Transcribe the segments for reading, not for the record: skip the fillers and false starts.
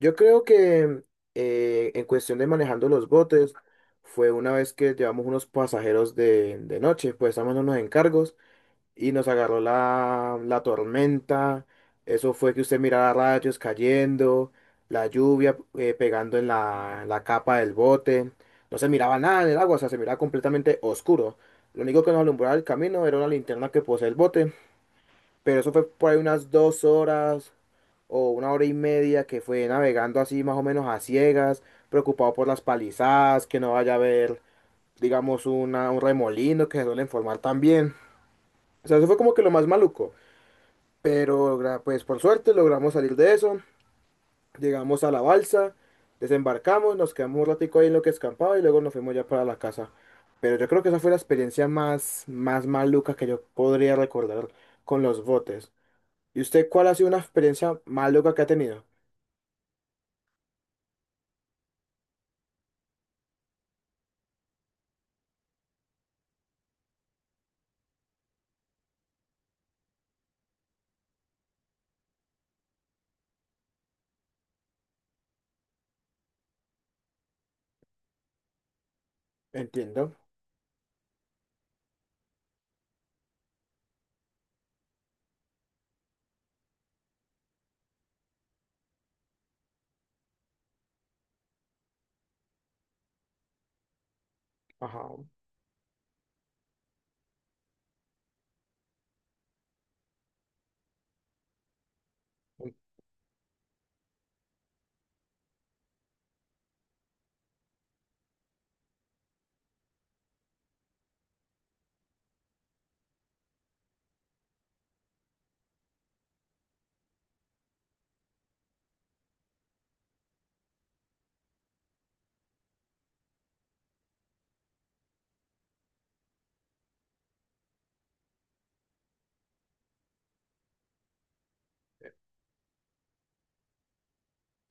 Yo creo que en cuestión de manejando los botes, fue una vez que llevamos unos pasajeros de noche, pues estábamos en unos encargos y nos agarró la tormenta. Eso fue que usted miraba rayos cayendo, la lluvia pegando en la capa del bote. No se miraba nada en el agua, o sea, se miraba completamente oscuro. Lo único que nos alumbraba el camino era una linterna que posee el bote, pero eso fue por ahí unas 2 horas o 1 hora y media que fue navegando así más o menos a ciegas, preocupado por las palizadas, que no vaya a haber, digamos, un remolino que se suelen formar también. O sea, eso fue como que lo más maluco. Pero pues por suerte logramos salir de eso, llegamos a la balsa, desembarcamos, nos quedamos un ratico ahí en lo que escampaba y luego nos fuimos ya para la casa. Pero yo creo que esa fue la experiencia más, más maluca que yo podría recordar con los botes. ¿Y usted cuál ha sido una experiencia maluca que ha tenido? Entiendo. Ajá. En-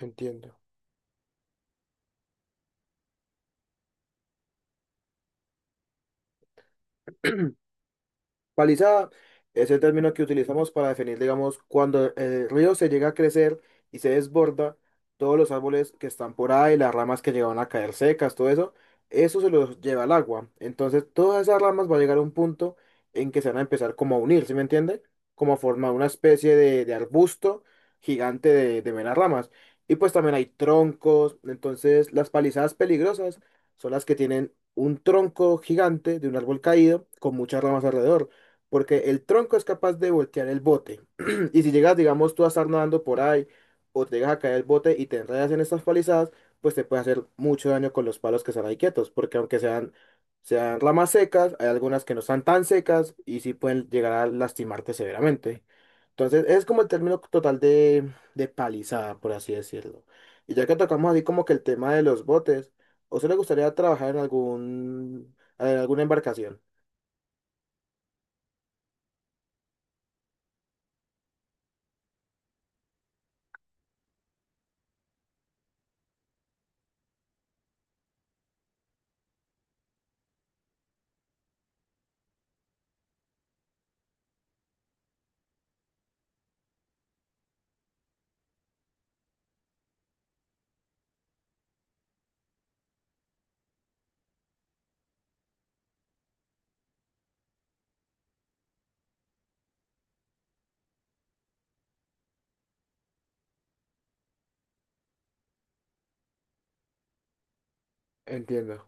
Entiendo. Palizada es el término que utilizamos para definir, digamos, cuando el río se llega a crecer y se desborda, todos los árboles que están por ahí, las ramas que llegaban a caer secas, todo eso, eso se los lleva al agua. Entonces, todas esas ramas van a llegar a un punto en que se van a empezar como a unir, ¿sí me entiende? Como a formar una especie de arbusto gigante de meras ramas. Y pues también hay troncos, entonces las palizadas peligrosas son las que tienen un tronco gigante de un árbol caído con muchas ramas alrededor porque el tronco es capaz de voltear el bote. Y si llegas, digamos, tú a estar nadando por ahí o te llegas a caer el bote y te enredas en estas palizadas, pues te puede hacer mucho daño con los palos que están ahí quietos, porque sean ramas secas, hay algunas que no están tan secas y sí pueden llegar a lastimarte severamente. Entonces, es como el término total de palizada, por así decirlo. Y ya que tocamos así como que el tema de los botes, ¿o se le gustaría trabajar en algún, en alguna embarcación? Entiendo,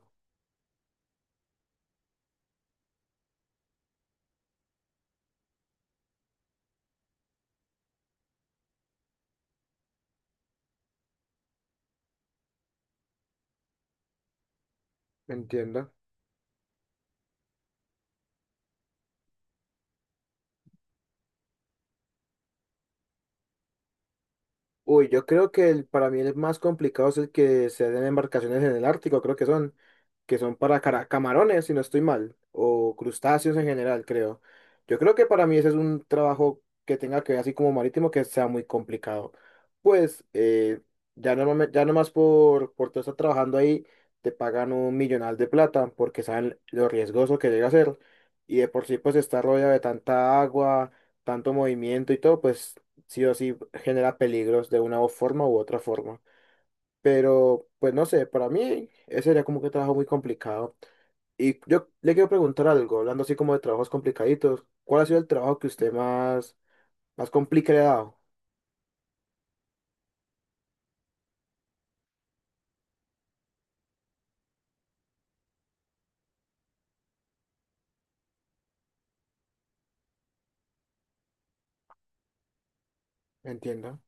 entiendo. Uy, yo creo que para mí el más complicado es el que se den embarcaciones en el Ártico, creo que son para camarones, si no estoy mal, o crustáceos en general, creo. Yo creo que para mí ese es un trabajo que tenga que ver así como marítimo, que sea muy complicado. Pues ya, no, ya nomás por tú estar trabajando ahí, te pagan un millonal de plata porque saben lo riesgoso que llega a ser. Y de por sí pues estar rodeado de tanta agua, tanto movimiento y todo, pues sí o sí genera peligros de una forma u otra forma. Pero, pues no sé, para mí ese era como que trabajo muy complicado. Y yo le quiero preguntar algo, hablando así como de trabajos complicaditos, ¿cuál ha sido el trabajo que usted más, más complicado? Entiendo.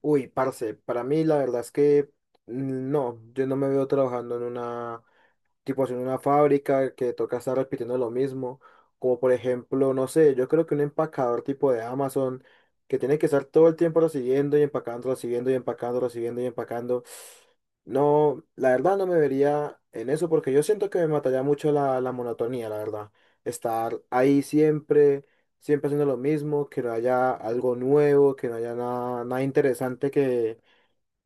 Uy, parce, para mí la verdad es que no, yo no me veo trabajando en una tipo en una fábrica que toca estar repitiendo lo mismo, como por ejemplo, no sé, yo creo que un empacador tipo de Amazon que tiene que estar todo el tiempo recibiendo y empacando, recibiendo y empacando, recibiendo y empacando. No, la verdad no me vería en eso porque yo siento que me mataría mucho la monotonía, la verdad. Estar ahí siempre, siempre haciendo lo mismo, que no haya algo nuevo, que no haya nada, nada interesante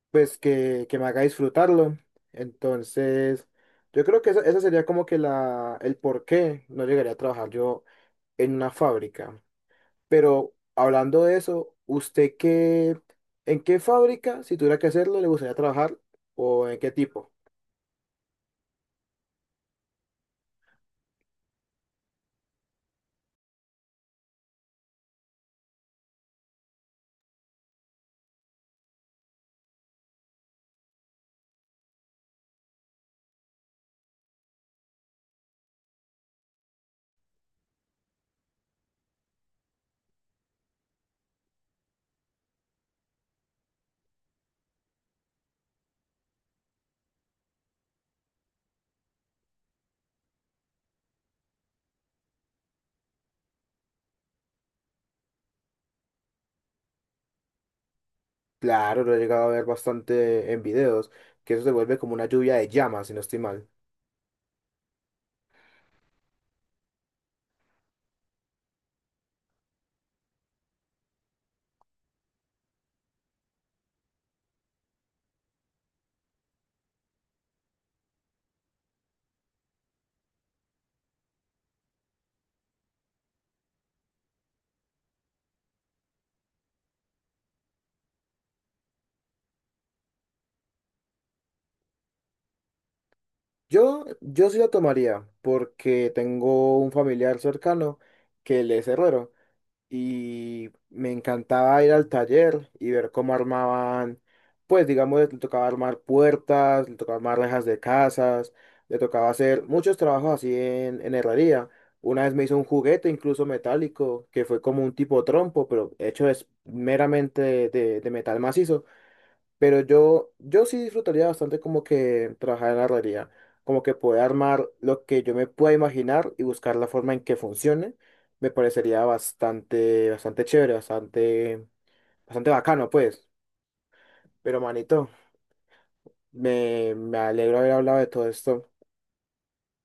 pues que me haga disfrutarlo. Entonces, yo creo que esa sería como que el por qué no llegaría a trabajar yo en una fábrica. Pero hablando de eso, ¿usted qué, en qué fábrica, si tuviera que hacerlo, le gustaría trabajar o en qué tipo? Claro, lo he llegado a ver bastante en videos, que eso se vuelve como una lluvia de llamas, si no estoy mal. Yo sí la tomaría porque tengo un familiar cercano que él es herrero. Y me encantaba ir al taller y ver cómo armaban, pues digamos, le tocaba armar puertas, le tocaba armar rejas de casas, le tocaba hacer muchos trabajos así en herrería. Una vez me hizo un juguete incluso metálico, que fue como un tipo trompo, pero hecho es meramente de metal macizo. Pero yo sí disfrutaría bastante como que trabajar en la realidad, como que poder armar lo que yo me pueda imaginar y buscar la forma en que funcione, me parecería bastante, bastante chévere, bastante, bastante bacano, pues. Pero manito, me alegro haber hablado de todo esto.